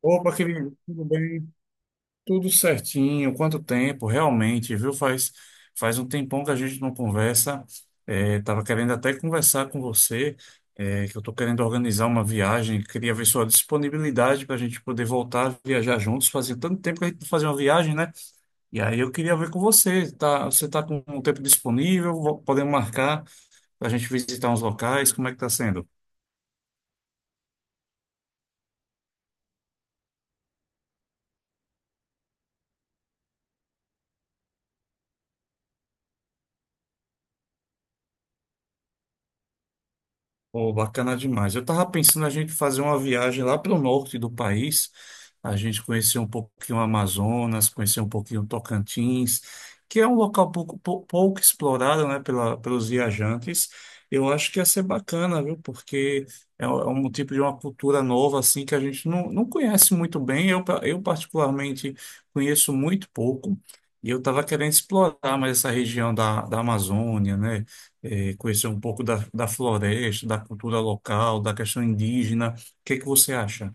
Opa, querido, tudo bem? Tudo certinho. Quanto tempo, realmente, viu? Faz um tempão que a gente não conversa. Tava querendo até conversar com você, que eu tô querendo organizar uma viagem. Queria ver sua disponibilidade para a gente poder voltar a viajar juntos. Fazia tanto tempo que a gente não fazia uma viagem, né? E aí eu queria ver com você. Tá, você tá com um tempo disponível? Podemos marcar para a gente visitar uns locais? Como é que tá sendo? Pô, bacana demais. Eu tava pensando a gente fazer uma viagem lá pelo norte do país, a gente conhecer um pouquinho o Amazonas, conhecer um pouquinho o Tocantins, que é um local pouco explorado, né, pelos viajantes. Eu acho que ia ser bacana, viu? Porque é um tipo de uma cultura nova, assim, que a gente não conhece muito bem. Eu particularmente, conheço muito pouco. E eu estava querendo explorar mais essa região da Amazônia, né? Conhecer um pouco da floresta, da cultura local, da questão indígena. O que é que você acha?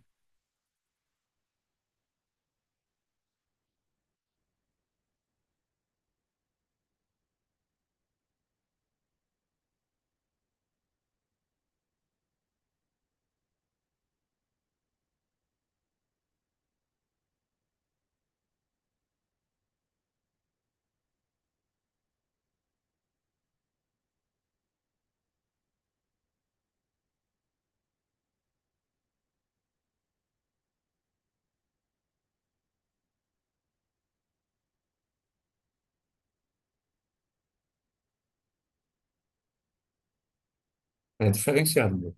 É diferenciado.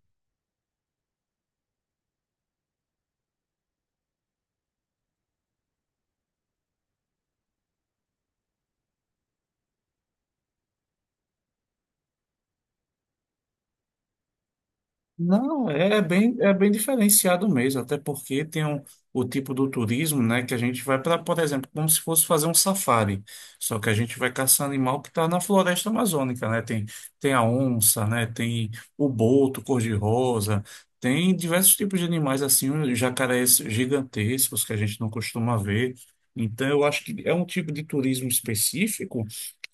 Não, é é bem diferenciado mesmo, até porque o tipo do turismo, né, que a gente vai para, por exemplo, como se fosse fazer um safari, só que a gente vai caçar animal que está na floresta amazônica, né, tem a onça, né, tem o boto cor-de-rosa, tem diversos tipos de animais assim, um jacarés gigantescos que a gente não costuma ver, então eu acho que é um tipo de turismo específico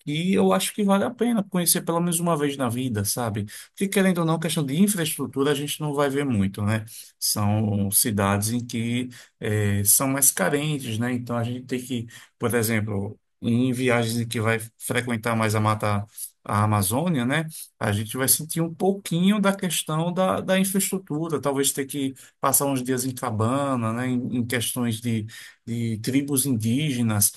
e eu acho que vale a pena conhecer pelo menos uma vez na vida, sabe? Porque, querendo ou não, questão de infraestrutura a gente não vai ver muito, né? São cidades em que são mais carentes, né? Então a gente tem que, por exemplo, em viagens em que vai frequentar mais a mata, a Amazônia, né? A gente vai sentir um pouquinho da questão da infraestrutura, talvez ter que passar uns dias em cabana, né? Em questões de tribos indígenas.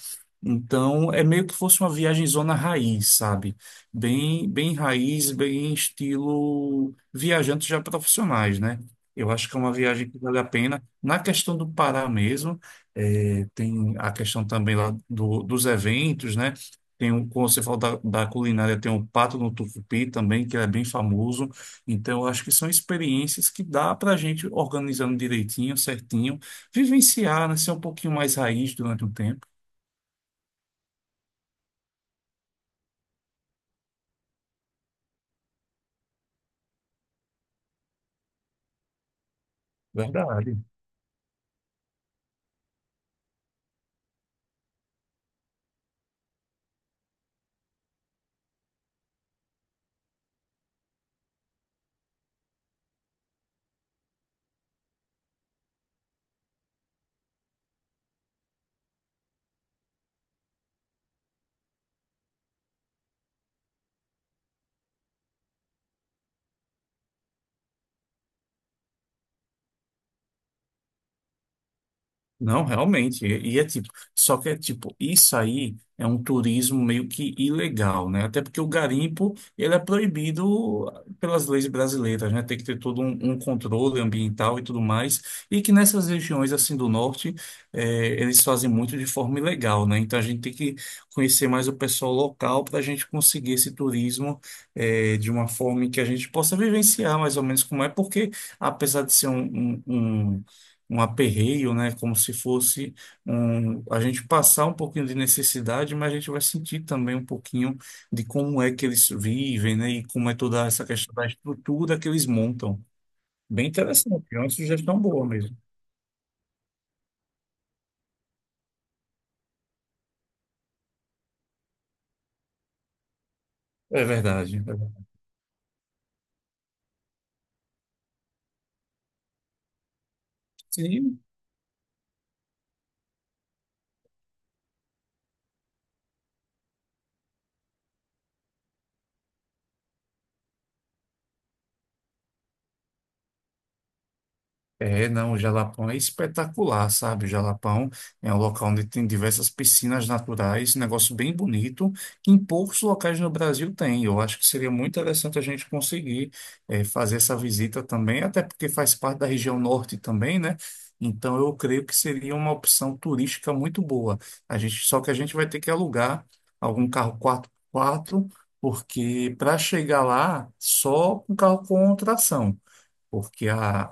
Então, é meio que fosse uma viagem zona raiz, sabe? Bem raiz, bem estilo viajantes já profissionais, né? Eu acho que é uma viagem que vale a pena. Na questão do Pará mesmo, tem a questão também lá dos eventos, né? Tem um, como você falou da culinária, tem o Pato no Tucupi também, que é bem famoso. Então, eu acho que são experiências que dá para a gente, organizando direitinho, certinho, vivenciar, né? Ser um pouquinho mais raiz durante um tempo. Verdade. Não, realmente. E é tipo, só que é tipo, isso aí é um turismo meio que ilegal, né? Até porque o garimpo, ele é proibido pelas leis brasileiras, né? Tem que ter todo um controle ambiental e tudo mais. E que nessas regiões, assim, do norte, eles fazem muito de forma ilegal, né? Então a gente tem que conhecer mais o pessoal local para a gente conseguir esse turismo, de uma forma em que a gente possa vivenciar mais ou menos como é, porque apesar de ser um aperreio, né? Como se fosse um, a gente passar um pouquinho de necessidade, mas a gente vai sentir também um pouquinho de como é que eles vivem, né? E como é toda essa questão da estrutura que eles montam. Bem interessante, é uma sugestão boa mesmo. É verdade. É verdade. Sim. É, não, o Jalapão é espetacular, sabe? O Jalapão é um local onde tem diversas piscinas naturais, um negócio bem bonito, que em poucos locais no Brasil tem. Eu acho que seria muito interessante a gente conseguir fazer essa visita também, até porque faz parte da região norte também, né? Então eu creio que seria uma opção turística muito boa. A gente, só que a gente vai ter que alugar algum carro 4x4, porque para chegar lá, só um carro com tração porque a,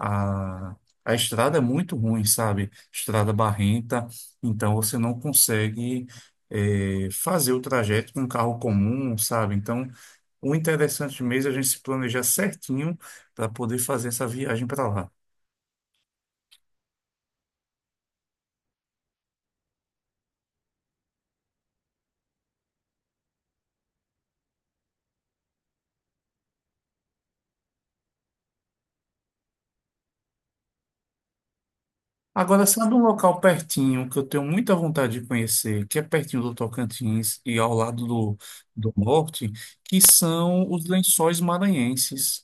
a, a estrada é muito ruim, sabe? Estrada barrenta, então você não consegue fazer o trajeto com um carro comum, sabe? Então, o interessante mesmo é a gente se planejar certinho para poder fazer essa viagem para lá. Agora, sabe um local pertinho que eu tenho muita vontade de conhecer, que é pertinho do Tocantins e ao lado do, do norte, que são os Lençóis Maranhenses.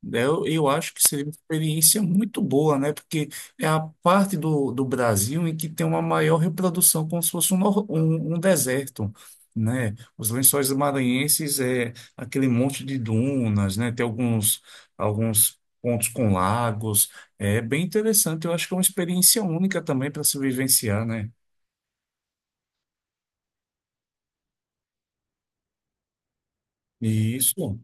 Né? Eu acho que seria uma experiência muito boa, né? Porque é a parte do Brasil em que tem uma maior reprodução, como se fosse um deserto, né? Os Lençóis Maranhenses é aquele monte de dunas, né? Tem alguns pontos com lagos. É bem interessante. Eu acho que é uma experiência única também para se vivenciar, né? Isso.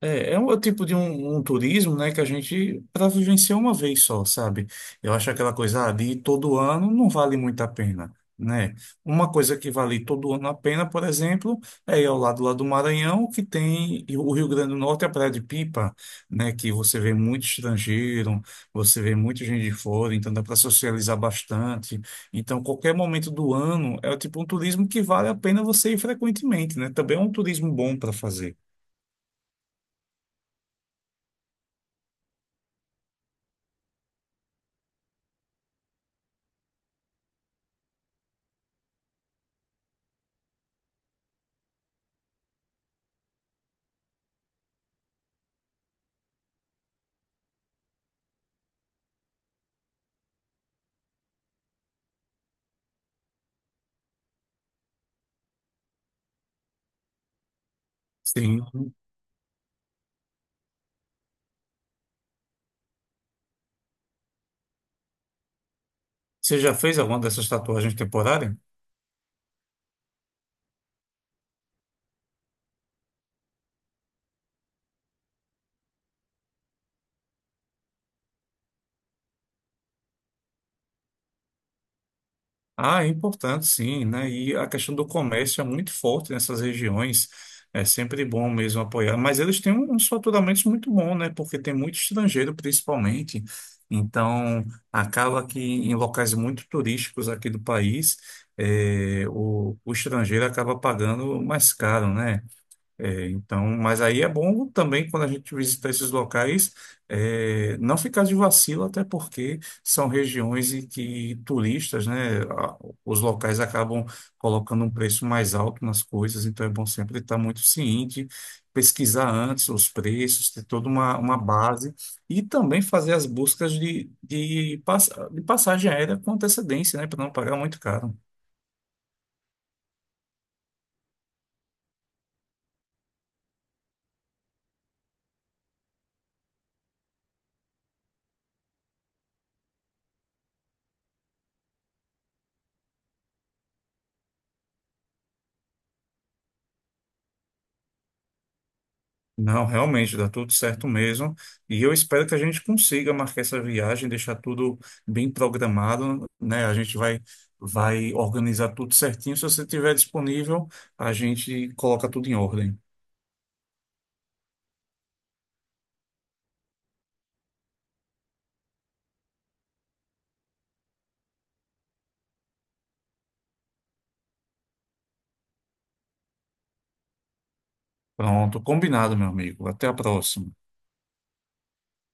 É o tipo de um turismo, né, que a gente para vivenciar uma vez só, sabe? Eu acho aquela coisa ah, de ir todo ano não vale muito a pena, né? Uma coisa que vale todo ano a pena, por exemplo, é ir ao lado lá do Maranhão, que tem e o Rio Grande do Norte, a Praia de Pipa, né, que você vê muito estrangeiro, você vê muita gente de fora, então dá para socializar bastante. Então, qualquer momento do ano é tipo um turismo que vale a pena você ir frequentemente, né? Também é um turismo bom para fazer. Sim. Você já fez alguma dessas tatuagens temporárias? Ah, é importante sim, né? E a questão do comércio é muito forte nessas regiões. É sempre bom mesmo apoiar, mas eles têm um, uns faturamentos muito bons, né? Porque tem muito estrangeiro, principalmente. Então, acaba que em locais muito turísticos aqui do país, o estrangeiro acaba pagando mais caro, né? É, então, mas aí é bom também quando a gente visitar esses locais, é, não ficar de vacilo, até porque são regiões em que turistas, né, os locais acabam colocando um preço mais alto nas coisas, então é bom sempre estar muito ciente, pesquisar antes os preços, ter toda uma base e também fazer as buscas de passagem aérea com antecedência, né, para não pagar muito caro. Não, realmente, dá tudo certo mesmo. E eu espero que a gente consiga marcar essa viagem, deixar tudo bem programado, né? Vai organizar tudo certinho. Se você estiver disponível, a gente coloca tudo em ordem. Pronto, combinado, meu amigo. Até a próxima.